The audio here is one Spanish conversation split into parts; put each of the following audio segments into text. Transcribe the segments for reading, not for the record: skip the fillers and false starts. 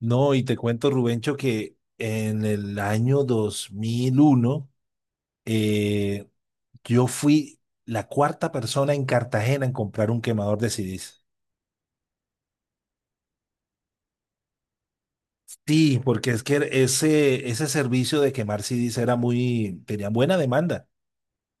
No, y te cuento, Rubencho, que en el año 2001, eh, yo fui la cuarta persona en Cartagena en comprar un quemador de CDs. Sí, porque es que ese servicio de quemar CDs era muy, tenía buena demanda.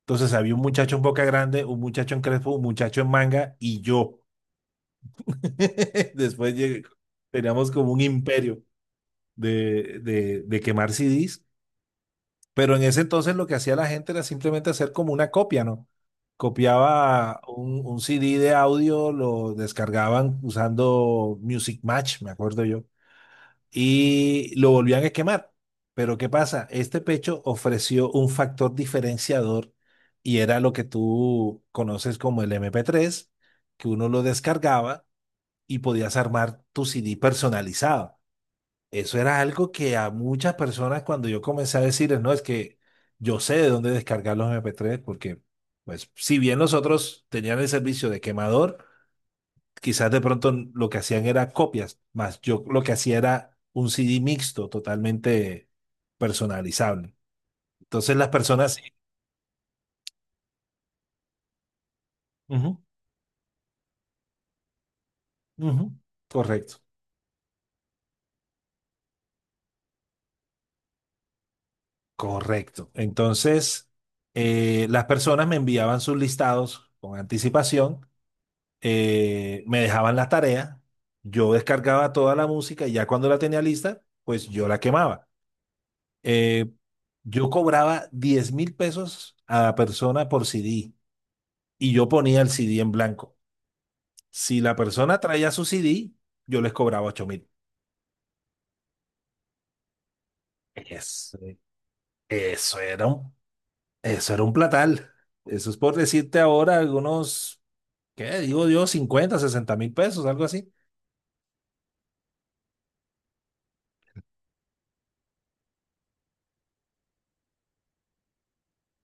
Entonces había un muchacho en Boca Grande, un muchacho en Crespo, un muchacho en Manga y yo. Después llegué- Teníamos como un imperio de quemar CDs. Pero en ese entonces lo que hacía la gente era simplemente hacer como una copia, ¿no? Copiaba un CD de audio, lo descargaban usando Music Match, me acuerdo yo, y lo volvían a quemar. Pero ¿qué pasa? Este pecho ofreció un factor diferenciador y era lo que tú conoces como el MP3, que uno lo descargaba y podías armar tu CD personalizado. Eso era algo que a muchas personas cuando yo comencé a decirles, no, es que yo sé de dónde descargar los MP3, porque pues si bien los otros tenían el servicio de quemador, quizás de pronto lo que hacían era copias, más yo lo que hacía era un CD mixto totalmente personalizable. Entonces las personas. Sí. Ujú, ujú, correcto, correcto. Entonces las personas me enviaban sus listados con anticipación, me dejaban las tareas, yo descargaba toda la música y ya cuando la tenía lista, pues yo la quemaba. Eh, yo cobraba 10.000 pesos a la persona por CD y yo ponía el CD en blanco. Si la persona traía su CD, yo les cobraba 8.000. Eso, eso era un, eso era un platal. Eso es por decirte ahora algunos, ¿qué digo yo? Cincuenta 60 mil pesos, algo así.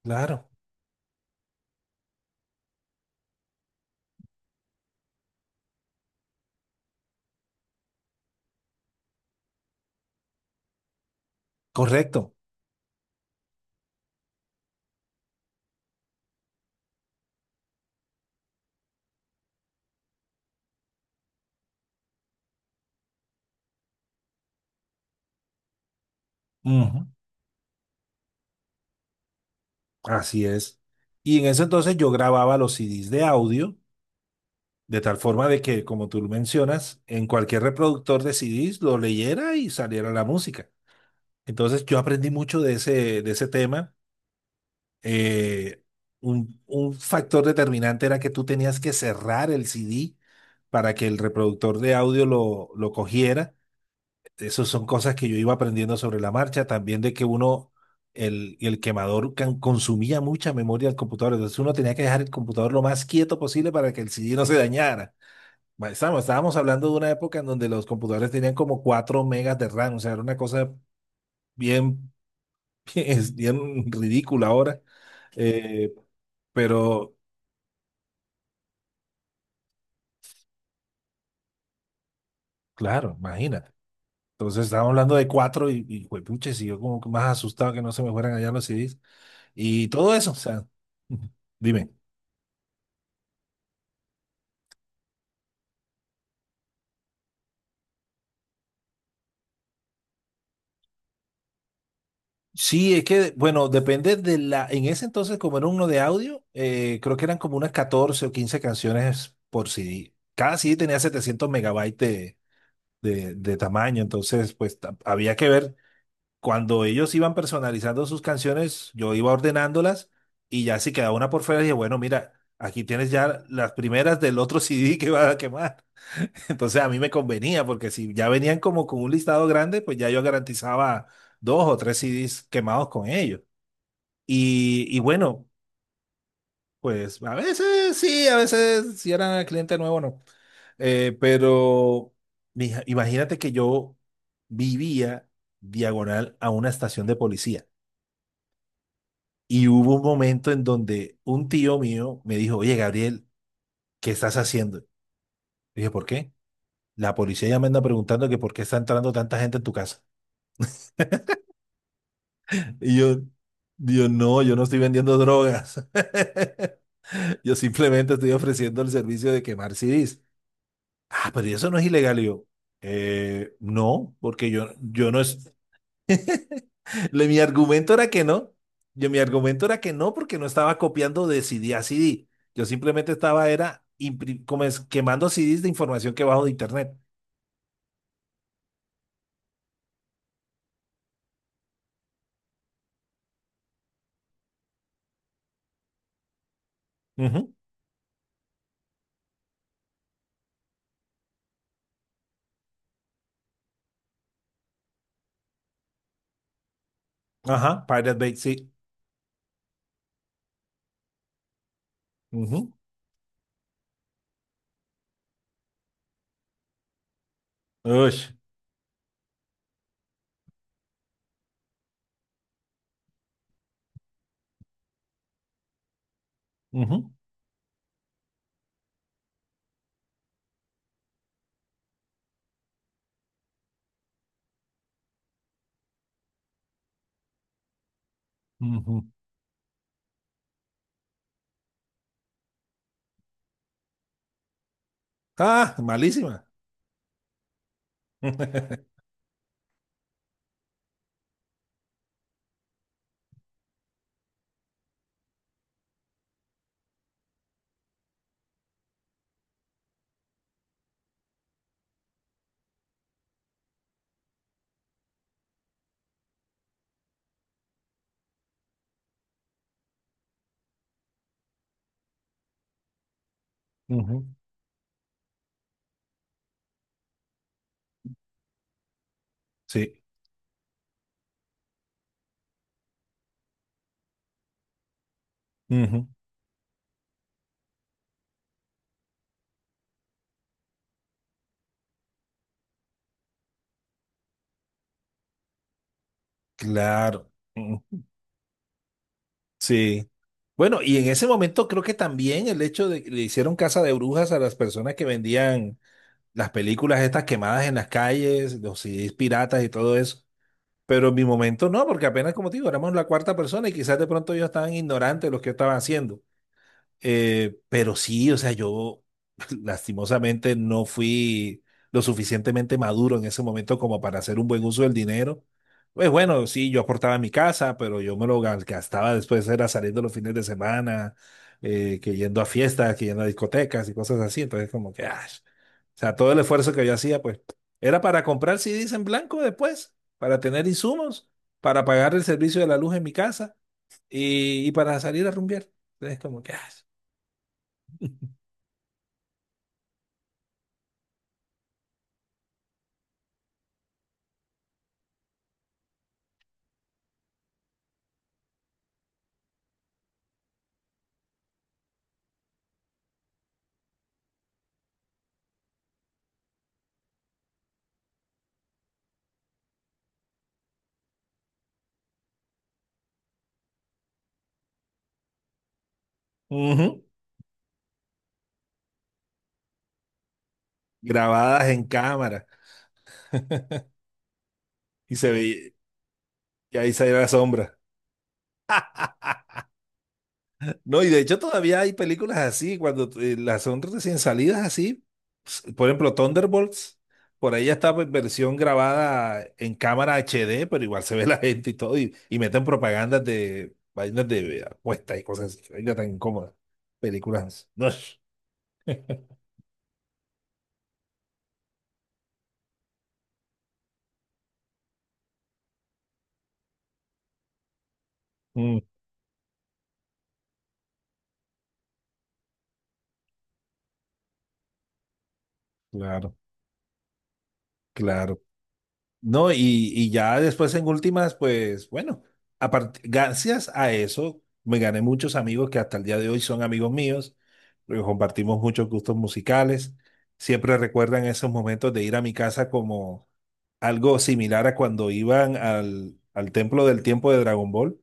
Claro, correcto. Ujú. Así es. Y en ese entonces yo grababa los CDs de audio, de tal forma de que, como tú mencionas, en cualquier reproductor de CDs lo leyera y saliera la música. Entonces yo aprendí mucho de ese tema. Eh, un factor determinante era que tú tenías que cerrar el CD para que el reproductor de audio lo cogiera. Esas son cosas que yo iba aprendiendo sobre la marcha, también de que uno, el quemador consumía mucha memoria del computador, entonces uno tenía que dejar el computador lo más quieto posible para que el CD no se dañara. Estábamos hablando de una época en donde los computadores tenían como 4 megas de RAM, o sea, era una cosa bien, bien, es bien ridícula ahora. Eh, pero claro, imagínate. Entonces estábamos hablando de 4 y juepuches, y yo como que más asustado que no se me fueran allá los CDs y todo eso, o sea, dime. Sí, es que, bueno, depende de la. En ese entonces, como era uno de audio, creo que eran como unas 14 o 15 canciones por CD. Cada CD tenía 700 megabytes de tamaño, entonces, pues había que ver. Cuando ellos iban personalizando sus canciones, yo iba ordenándolas y ya si quedaba una por fuera, dije, bueno, mira, aquí tienes ya las primeras del otro CD que va a quemar. Entonces, a mí me convenía, porque si ya venían como con un listado grande, pues ya yo garantizaba 2 o 3 CDs quemados con ellos. Y bueno, pues a veces sí, a veces si era cliente nuevo, no. Pero, mija, imagínate que yo vivía diagonal a una estación de policía y hubo un momento en donde un tío mío me dijo, oye, Gabriel, ¿qué estás haciendo? Y dije, ¿por qué? La policía ya me anda preguntando que por qué está entrando tanta gente en tu casa. Y yo, Dios, no, yo no estoy vendiendo drogas. Yo simplemente estoy ofreciendo el servicio de quemar CDs. Ah, pero eso no es ilegal. Y yo, No, porque yo no es. Mi argumento era que no. Yo, mi argumento era que no, porque no estaba copiando de CD a CD. Yo simplemente estaba, era como es, quemando CDs de información que bajo de internet. Ujú. Ajá, Pirate Bay, sí. Ujú, ush, ujú, ujú. Ah, malísima. Ujú. Sí. Ujú. Claro. Sí. Bueno, y en ese momento creo que también el hecho de que le hicieron casa de brujas a las personas que vendían las películas estas quemadas en las calles, los CDs piratas y todo eso. Pero en mi momento no, porque apenas como te digo, éramos la cuarta persona y quizás de pronto ellos estaban ignorantes de lo que yo estaba haciendo. Pero sí, o sea, yo lastimosamente no fui lo suficientemente maduro en ese momento como para hacer un buen uso del dinero. Pues bueno, sí, yo aportaba a mi casa, pero yo me lo gastaba después, era saliendo los fines de semana, que yendo a fiestas, que yendo a discotecas y cosas así. Entonces, como que, ah, o sea, todo el esfuerzo que yo hacía, pues, era para comprar CDs en blanco después, para tener insumos, para pagar el servicio de la luz en mi casa y para salir a rumbear. Entonces, como que, ah. Ujú. Grabadas en cámara. Y se veía, y ahí salía la sombra. No, y de hecho todavía hay películas así, cuando las son recién salidas así. Por ejemplo, Thunderbolts, por ahí ya está en versión grabada en cámara HD, pero igual se ve la gente y todo, y meten propagandas de vainas de apuestas y cosas así. Vainas tan incómodas. Películas. No. Mm, claro, claro. No, y ya después en últimas, pues bueno, gracias a eso me gané muchos amigos que hasta el día de hoy son amigos míos, porque compartimos muchos gustos musicales. Siempre recuerdan esos momentos de ir a mi casa como algo similar a cuando iban al templo del tiempo de Dragon Ball,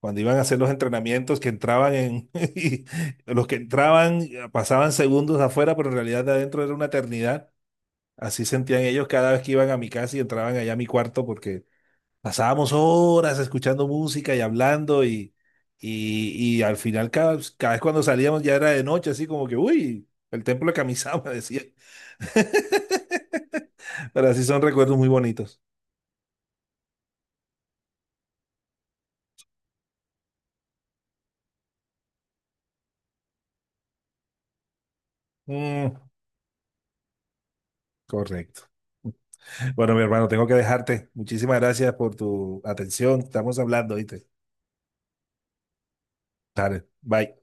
cuando iban a hacer los entrenamientos que entraban en, y los que entraban pasaban segundos afuera, pero en realidad de adentro era una eternidad. Así sentían ellos cada vez que iban a mi casa y entraban allá a mi cuarto porque pasábamos horas escuchando música y hablando y al final cada vez cuando salíamos ya era de noche, así como que, uy, el templo de Kamisama, decía. Pero así son recuerdos muy bonitos. Mm, correcto. Bueno, mi hermano, tengo que dejarte. Muchísimas gracias por tu atención. Estamos hablando, ¿viste? Dale, bye.